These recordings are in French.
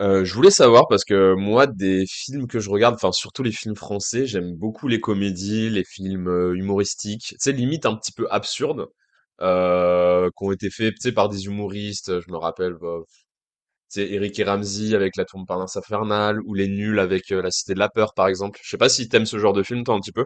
Je voulais savoir, parce que moi, des films que je regarde, enfin surtout les films français, j'aime beaucoup les comédies, les films, humoristiques, tu sais, limite un petit peu absurdes, qui ont été faits, tu sais, par des humoristes. Je me rappelle, bah, tu sais, Éric et Ramzy avec La Tour Montparnasse Infernale, ou Les Nuls avec, La Cité de la Peur par exemple. Je sais pas si t'aimes ce genre de film, toi, un petit peu?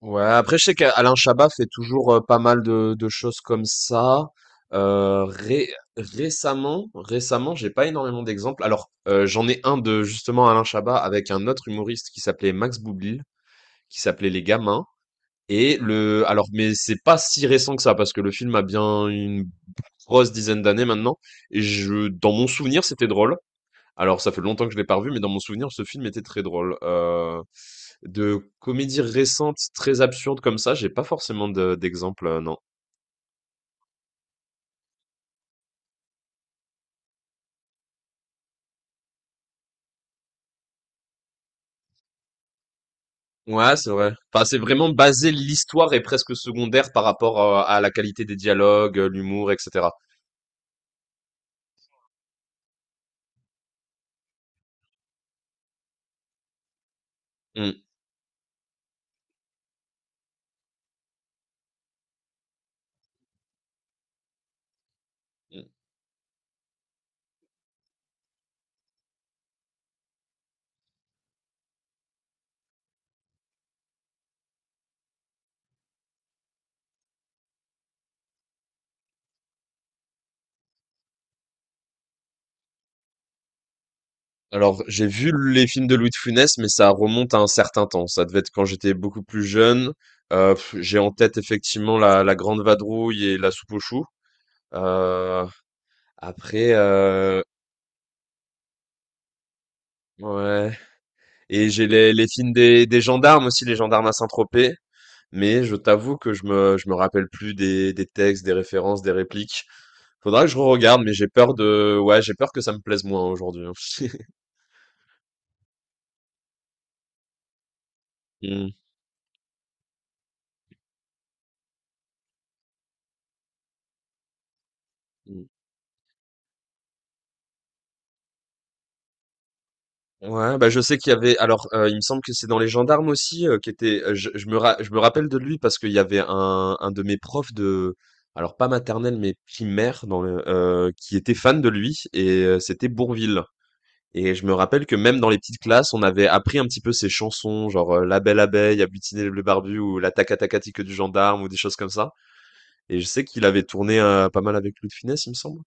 Ouais, après, je sais qu'Alain Chabat fait toujours pas mal de choses comme ça. Récemment, j'ai pas énormément d'exemples. Alors, j'en ai un, de justement Alain Chabat, avec un autre humoriste qui s'appelait Max Boublil, qui s'appelait Les Gamins. Alors, mais c'est pas si récent que ça, parce que le film a bien une grosse dizaine d'années maintenant. Et dans mon souvenir, c'était drôle. Alors ça fait longtemps que je l'ai pas revu, mais dans mon souvenir, ce film était très drôle. De comédies récentes, très absurdes comme ça, j'ai pas forcément d'exemple, non. Ouais, c'est vrai. Enfin, c'est vraiment basé, l'histoire est presque secondaire par rapport à la qualité des dialogues, l'humour, etc. Mm, mm. Alors, j'ai vu les films de Louis de Funès, mais ça remonte à un certain temps. Ça devait être quand j'étais beaucoup plus jeune. J'ai en tête effectivement la Grande Vadrouille et la Soupe aux Choux. Euh, Après, ouais. Et j'ai les films des gendarmes aussi, les gendarmes à Saint-Tropez. Mais je t'avoue que je me rappelle plus des textes, des références, des répliques. Faudra que je re-regarde, mais j'ai peur de, ouais, j'ai peur que ça me plaise moins aujourd'hui, hein. Mm. Mm. Ouais, bah je sais qu'il y avait. Alors, il me semble que c'est dans les gendarmes aussi, qui était. Je me rappelle de lui, parce qu'il y avait un de mes profs de. Alors, pas maternelle mais primaire, dans le, qui était fan de lui, et c'était Bourvil. Et je me rappelle que même dans les petites classes, on avait appris un petit peu ces chansons, genre La Belle Abeille, Agglutiner les Bleus Barbus, ou La Tacatacatique du Gendarme, ou des choses comme ça. Et je sais qu'il avait tourné pas mal avec Louis de Funès, il me semble.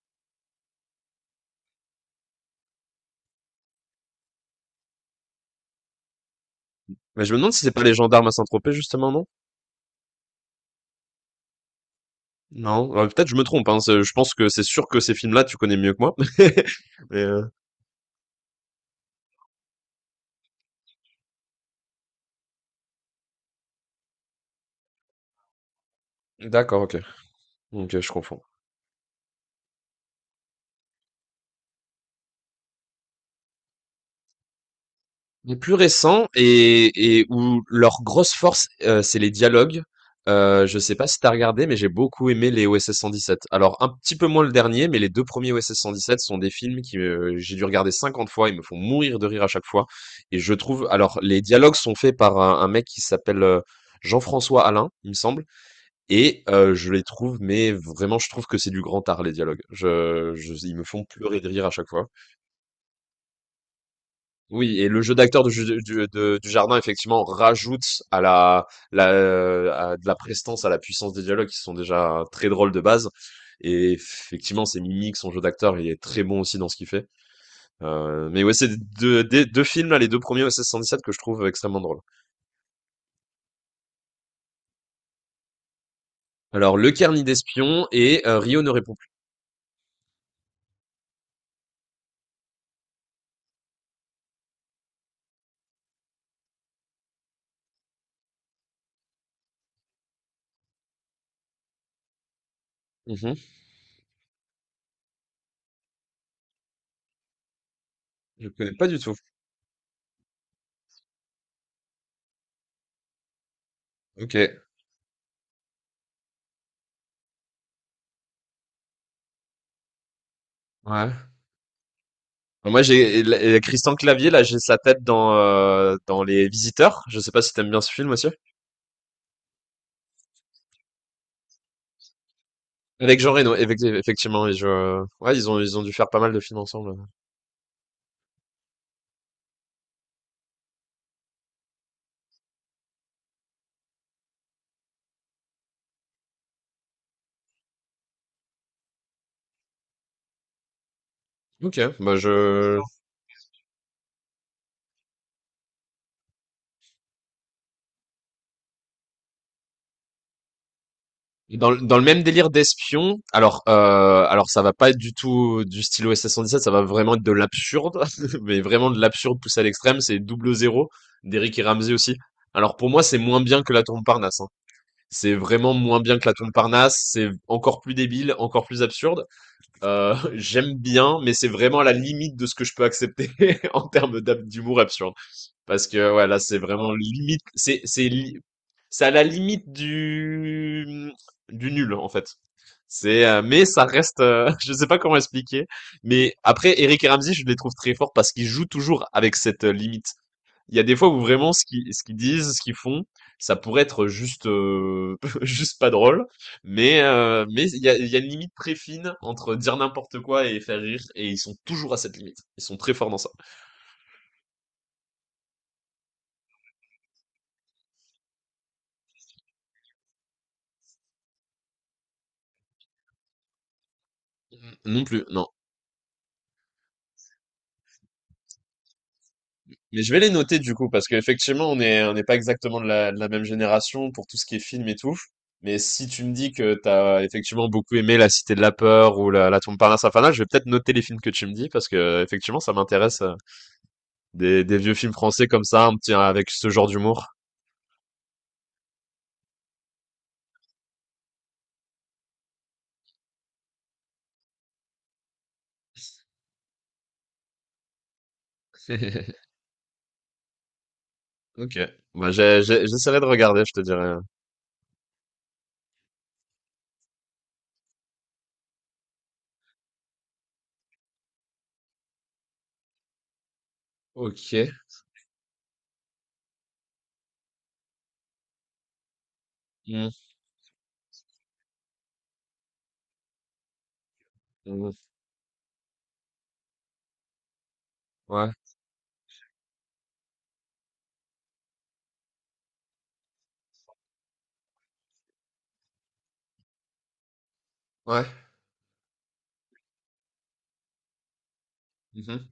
Mais je me demande si c'est pas les gendarmes à Saint-Tropez justement, non? Non, ouais, peut-être je me trompe, hein. Je pense que c'est sûr que ces films-là, tu connais mieux que moi. Mais, d'accord, ok. Donc je confonds. Les plus récents et où leur grosse force, c'est les dialogues. Je sais pas si t'as regardé, mais j'ai beaucoup aimé les OSS 117. Alors, un petit peu moins le dernier, mais les deux premiers OSS 117 sont des films qui, j'ai dû regarder 50 fois. Ils me font mourir de rire à chaque fois, et je trouve, alors, les dialogues sont faits par un mec qui s'appelle, Jean-François Alain, il me semble, et je les trouve, mais vraiment, je trouve que c'est du grand art, les dialogues. Je Ils me font pleurer de rire à chaque fois. Oui, et le jeu d'acteur de ju du de Dujardin effectivement rajoute à la à de la prestance, à la puissance des dialogues, qui sont déjà très drôles de base, et effectivement ses mimiques, son jeu d'acteur, il est très bon aussi dans ce qu'il fait. Mais ouais, c'est 2 des 2 films là, les 2 premiers OSS 117 que je trouve extrêmement drôles. Alors Le Carnet d'espions et Rio ne répond plus. Mmh. Je connais pas du tout. OK. Ouais. Moi, j'ai et la et Christian Clavier là, j'ai sa tête dans, dans Les Visiteurs. Je sais pas si tu aimes bien ce film aussi? Avec Jean Reno, effectivement, et je... ouais, ils ont dû faire pas mal de films ensemble. Ok, bah je... Dans le même délire d'espion, alors ça va pas être du tout du style OSS 117, ça va vraiment être de l'absurde, mais vraiment de l'absurde poussé à l'extrême, c'est Double Zéro, d'Eric et Ramsey aussi. Alors pour moi, c'est moins bien que La Tombe Parnasse, hein. C'est vraiment moins bien que La Tombe Parnasse, c'est encore plus débile, encore plus absurde. J'aime bien, mais c'est vraiment à la limite de ce que je peux accepter en termes d'humour absurde. Parce que ouais, là, c'est vraiment limite. C'est à la limite du nul, en fait. Mais ça reste, je sais pas comment expliquer. Mais après, Eric et Ramsey, je les trouve très forts parce qu'ils jouent toujours avec cette limite. Il y a des fois où vraiment ce qu'ils disent, ce qu'ils font, ça pourrait être juste, juste pas drôle. Mais il y a une limite très fine entre dire n'importe quoi et faire rire. Et ils sont toujours à cette limite. Ils sont très forts dans ça. Non plus, non. Mais je vais les noter du coup, parce qu'effectivement, on n'est pas exactement de la même génération pour tout ce qui est film et tout. Mais si tu me dis que t'as effectivement beaucoup aimé La Cité de la Peur ou la Tombe Parnasse Infernale, je vais peut-être noter les films que tu me dis, parce que effectivement, ça m'intéresse, des vieux films français comme ça, un petit, avec ce genre d'humour. Ok. Bah, j'essaierai de regarder, je te dirai. Ok. Mm. Mm. Ouais. Ouais. Mhm.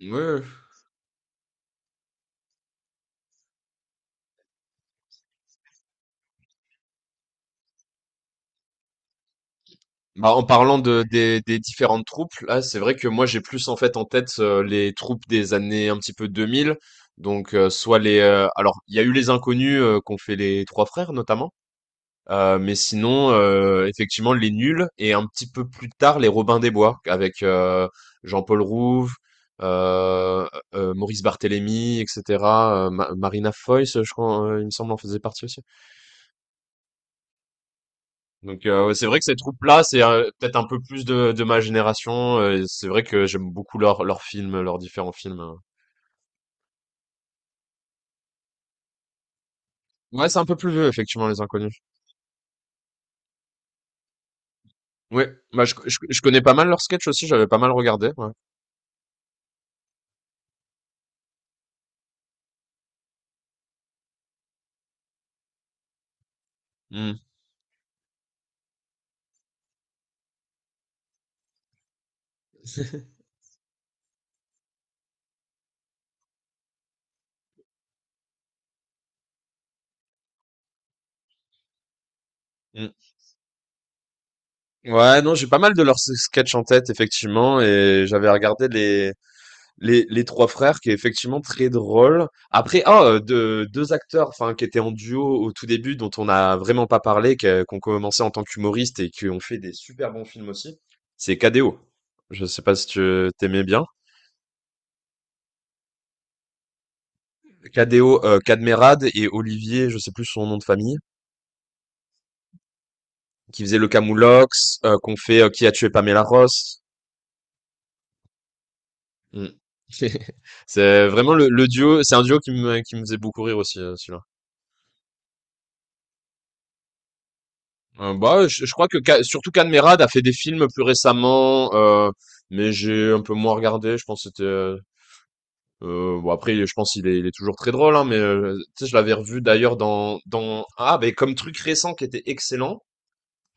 Mm. Ouais. Bah, en parlant de des différentes troupes, là, c'est vrai que moi, j'ai plus en fait en tête, les troupes des années un petit peu 2000. Donc soit les, alors il y a eu les inconnus, qu'ont fait les trois frères notamment, mais sinon, effectivement les nuls, et un petit peu plus tard les Robins des Bois avec, Jean-Paul Rouve, euh, Maurice Barthélémy, etc. Marina Foïs, je crois, il me semble, en faisait partie aussi. Donc, ouais, c'est vrai que ces troupes-là, c'est peut-être un peu plus de ma génération. Et c'est vrai que j'aime beaucoup leurs films, leurs différents films. Ouais, c'est un peu plus vieux, effectivement, Les Inconnus. Ouais, bah, je connais pas mal leurs sketchs aussi, j'avais pas mal regardé. Ouais. Hmm. Mm. Ouais, non, j'ai pas mal de leurs sketchs en tête, effectivement, et j'avais regardé les... Les trois frères, qui est effectivement très drôle. Après, ah, deux acteurs, enfin, qui étaient en duo au tout début, dont on n'a vraiment pas parlé, qui ont commencé en tant qu'humoristes et qui ont fait des super bons films aussi, c'est Cadéo. Je sais pas si tu t'aimais bien. Cadéo, Cadmerad et Olivier, je sais plus son nom de famille, qui faisait le Camoulox, qu'on fait, Qui a tué Pamela Ross. Mm. C'est vraiment le duo, c'est un duo qui me faisait beaucoup rire aussi, celui-là. Bah, je crois que surtout Merad a fait des films plus récemment, mais j'ai un peu moins regardé. Je pense que c'était. Bon, après, je pense il est toujours très drôle, hein, mais tu sais, je l'avais revu d'ailleurs dans, ah ben, comme truc récent qui était excellent,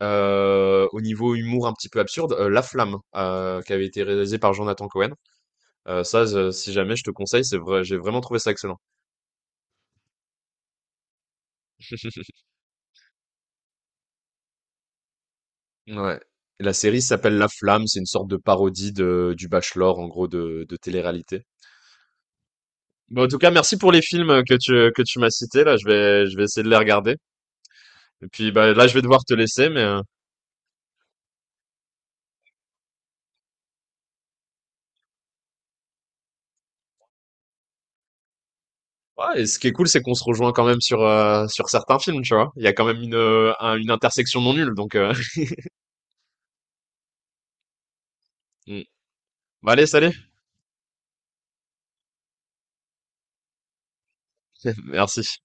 au niveau humour un petit peu absurde, La Flamme, qui avait été réalisé par Jonathan Cohen. Si jamais, je te conseille, c'est vrai, j'ai vraiment trouvé ça excellent. Ouais. La série s'appelle La Flamme, c'est une sorte de parodie du Bachelor, en gros, de télé-réalité. Bon, en tout cas, merci pour les films que tu m'as cités. Là, je vais essayer de les regarder. Et puis, bah, là, je vais devoir te laisser. Mais ouais, et ce qui est cool, c'est qu'on se rejoint quand même sur, sur certains films, tu vois. Il y a quand même une intersection non nulle. Donc, Mm. Bah, allez, salut. Merci.